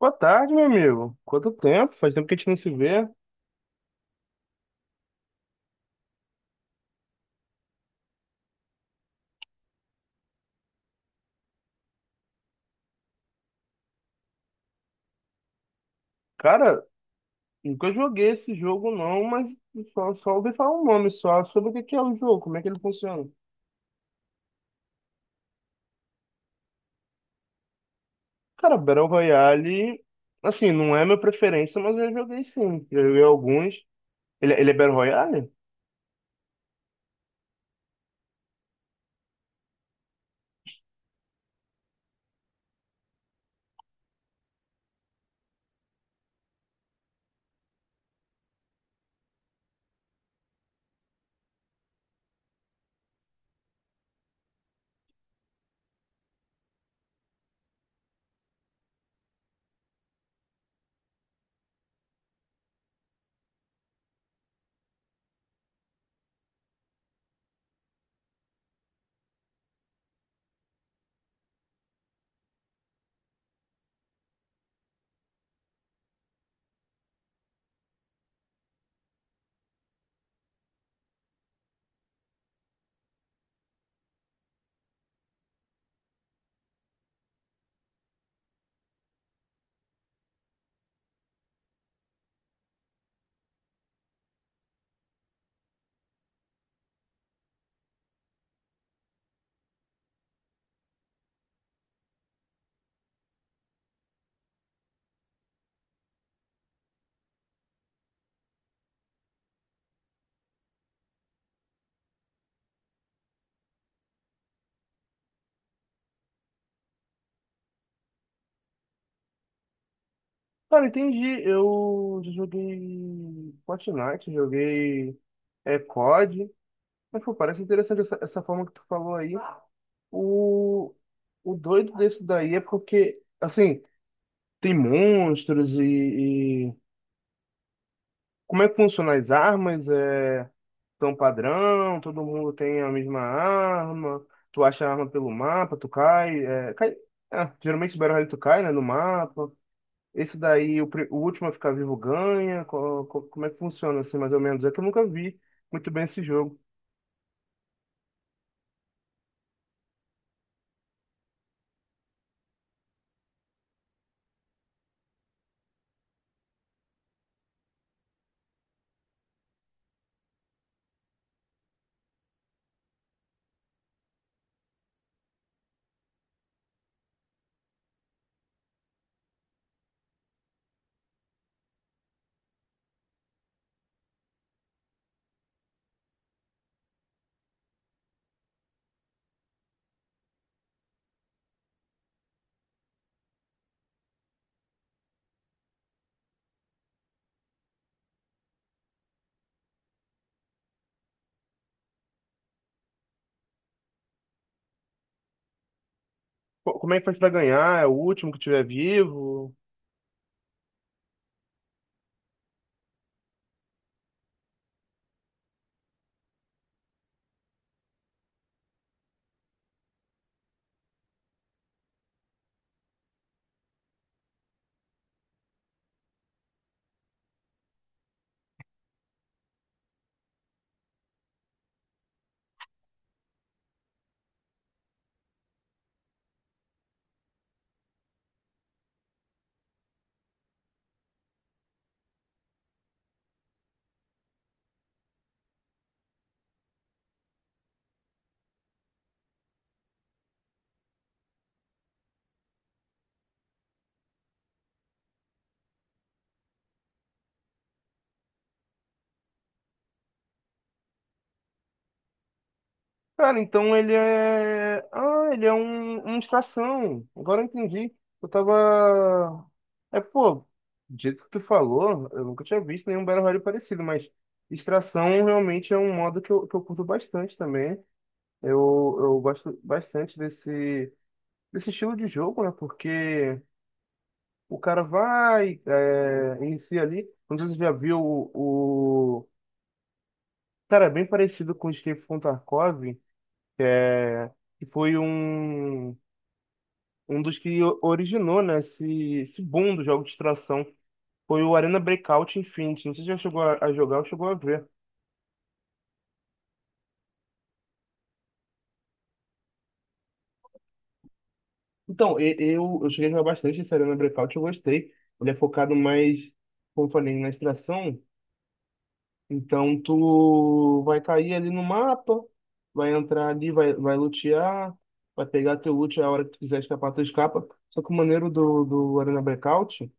Boa tarde, meu amigo. Quanto tempo? Faz tempo que a gente não se vê. Cara, nunca joguei esse jogo não, mas só ouvi falar um nome só sobre o que que é o jogo, como é que ele funciona. Cara, Battle Royale, assim, não é minha preferência, mas eu já joguei sim. Já joguei alguns. Ele é Battle Royale? Cara, entendi. Eu já joguei Fortnite, joguei COD. Mas, pô, parece interessante essa forma que tu falou aí. O, o doido desse daí é porque, assim, tem monstros e como é que funcionam as armas? É tão padrão? Todo mundo tem a mesma arma? Tu acha a arma pelo mapa? Tu cai? Ah, geralmente o Battle Royale tu cai, né, no mapa. Esse daí, o último a ficar vivo ganha. Como é que funciona assim, mais ou menos? É que eu nunca vi muito bem esse jogo. Como é que faz pra ganhar? É o último que tiver vivo? Cara, então ele é. Ah, ele é um, uma estação. Agora eu entendi. Eu tava. É, pô, do jeito que tu falou, eu nunca tinha visto nenhum Battle Royale parecido, mas extração realmente é um modo que eu curto bastante também. Eu gosto bastante desse, desse estilo de jogo, né? Porque o cara vai, é, inicia ali. Não sei se você já viu cara, é bem parecido com o Escape from Tarkov que foi um, um dos que originou, né, esse boom do jogo de extração foi o Arena Breakout Infinity. Não sei se já chegou a jogar ou chegou a ver. Então, eu cheguei a jogar bastante esse Arena Breakout, eu gostei. Ele é focado mais, como eu falei, na extração. Então, tu vai cair ali no mapa, vai entrar ali, vai lutear, vai pegar teu loot a hora que tu quiser escapar, tu escapa. Só que o maneiro do Arena Breakout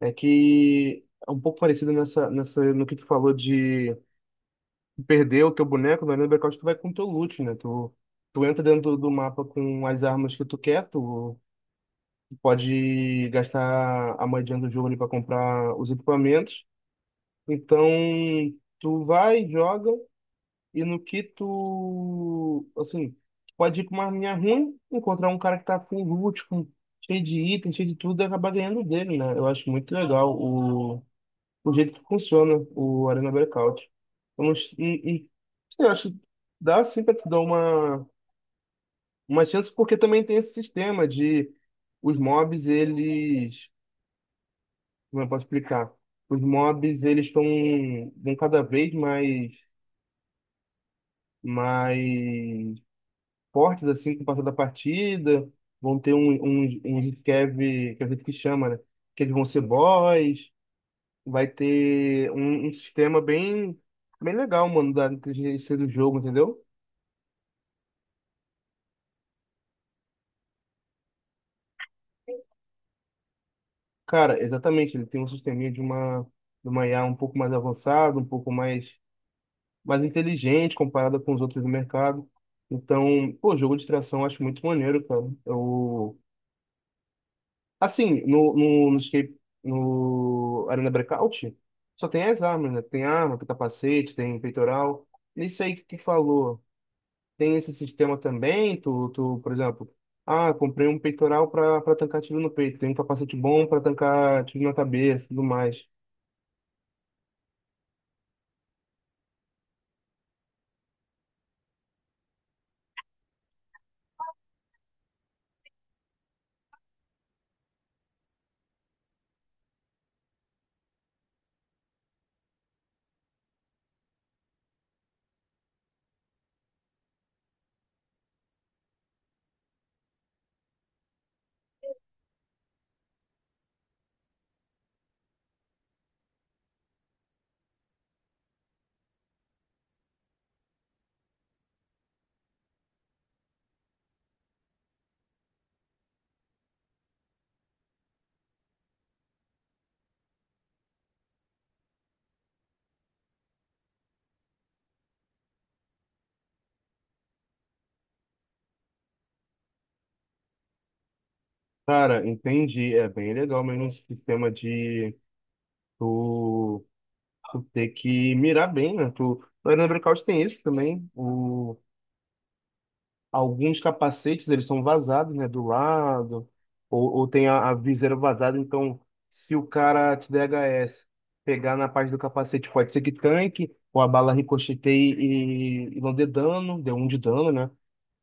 é que é um pouco parecido nessa, nessa, no que tu falou de perder o teu boneco, na linha do blackout, tu vai com o teu loot, né? Tu, tu entra dentro do mapa com as armas que tu quer, tu pode gastar a moedinha do jogo ali para comprar os equipamentos. Então, tu vai, joga, e no que tu, assim, tu pode ir com uma arminha ruim, encontrar um cara que tá com loot, com, cheio de item, cheio de tudo, e acabar ganhando dele, né? Eu acho muito legal o jeito que funciona o Arena Breakout. Eu não, sei, eu acho que dá sim pra te dar uma chance, porque também tem esse sistema de os mobs, eles. Como eu posso explicar? Os mobs, eles estão vão cada vez mais, mais fortes, assim, com o passar da partida. Vão ter um scav, que é o jeito que chama, né? Que eles vão ser boss. Vai ter um sistema bem, bem legal, mano, da inteligência do jogo, entendeu? Cara, exatamente, ele tem um sisteminha de uma IA um pouco mais avançado, um pouco mais, mais inteligente comparada com os outros do mercado. Então, pô, jogo de tração eu acho muito maneiro, cara. Eu, assim, no Arena Breakout, só tem as armas, né? Tem arma, tem capacete, tem peitoral. Isso aí que tu falou. Tem esse sistema também, tu, por exemplo, ah, comprei um peitoral para tancar tiro no peito, tem um capacete bom para tancar tiro na cabeça, e tudo mais. Cara, entendi, é bem legal mesmo esse sistema de tu, tu ter que mirar bem, né? Tu, lá no Breakout tem isso também, o alguns capacetes, eles são vazados, né, do lado, ou tem a viseira vazada, então se o cara te der HS, pegar na parte do capacete pode ser que tanque, ou a bala ricocheteie e não dê dano, dê um de dano, né?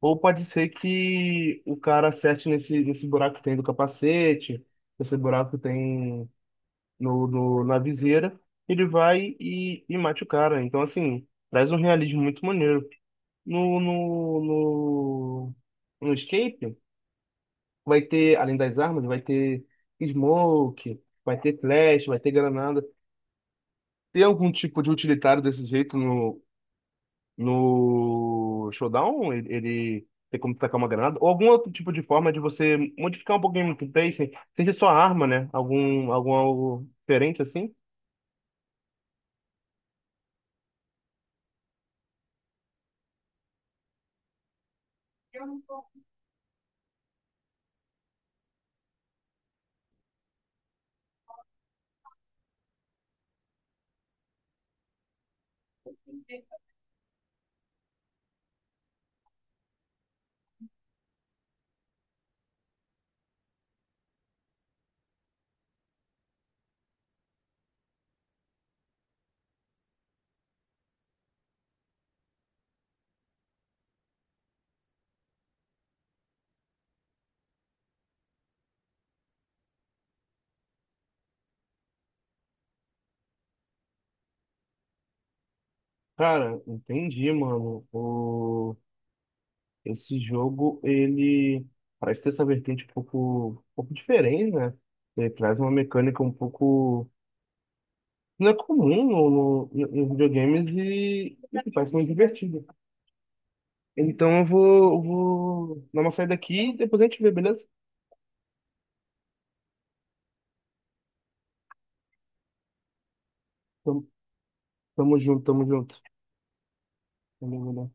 Ou pode ser que o cara acerte nesse, nesse buraco que tem do capacete, esse buraco que tem na viseira, ele vai e mate o cara. Então, assim, traz um realismo muito maneiro. No, no, no, no escape, vai ter, além das armas, vai ter smoke, vai ter flash, vai ter granada. Tem algum tipo de utilitário desse jeito no Showdown? Ele tem como tacar uma granada? Ou algum outro tipo de forma de você modificar um pouquinho o gameplay, sem ser só arma, né? Algum algo diferente assim? Cara, entendi, mano. O... Esse jogo, ele parece ter essa vertente um pouco diferente, né? Ele traz uma mecânica um pouco. Não é comum no, no, nos videogames e que parece muito divertido. Então eu vou dar uma saída aqui e depois a gente vê, beleza? Tamo, tamo junto, tamo junto. Tamo junto.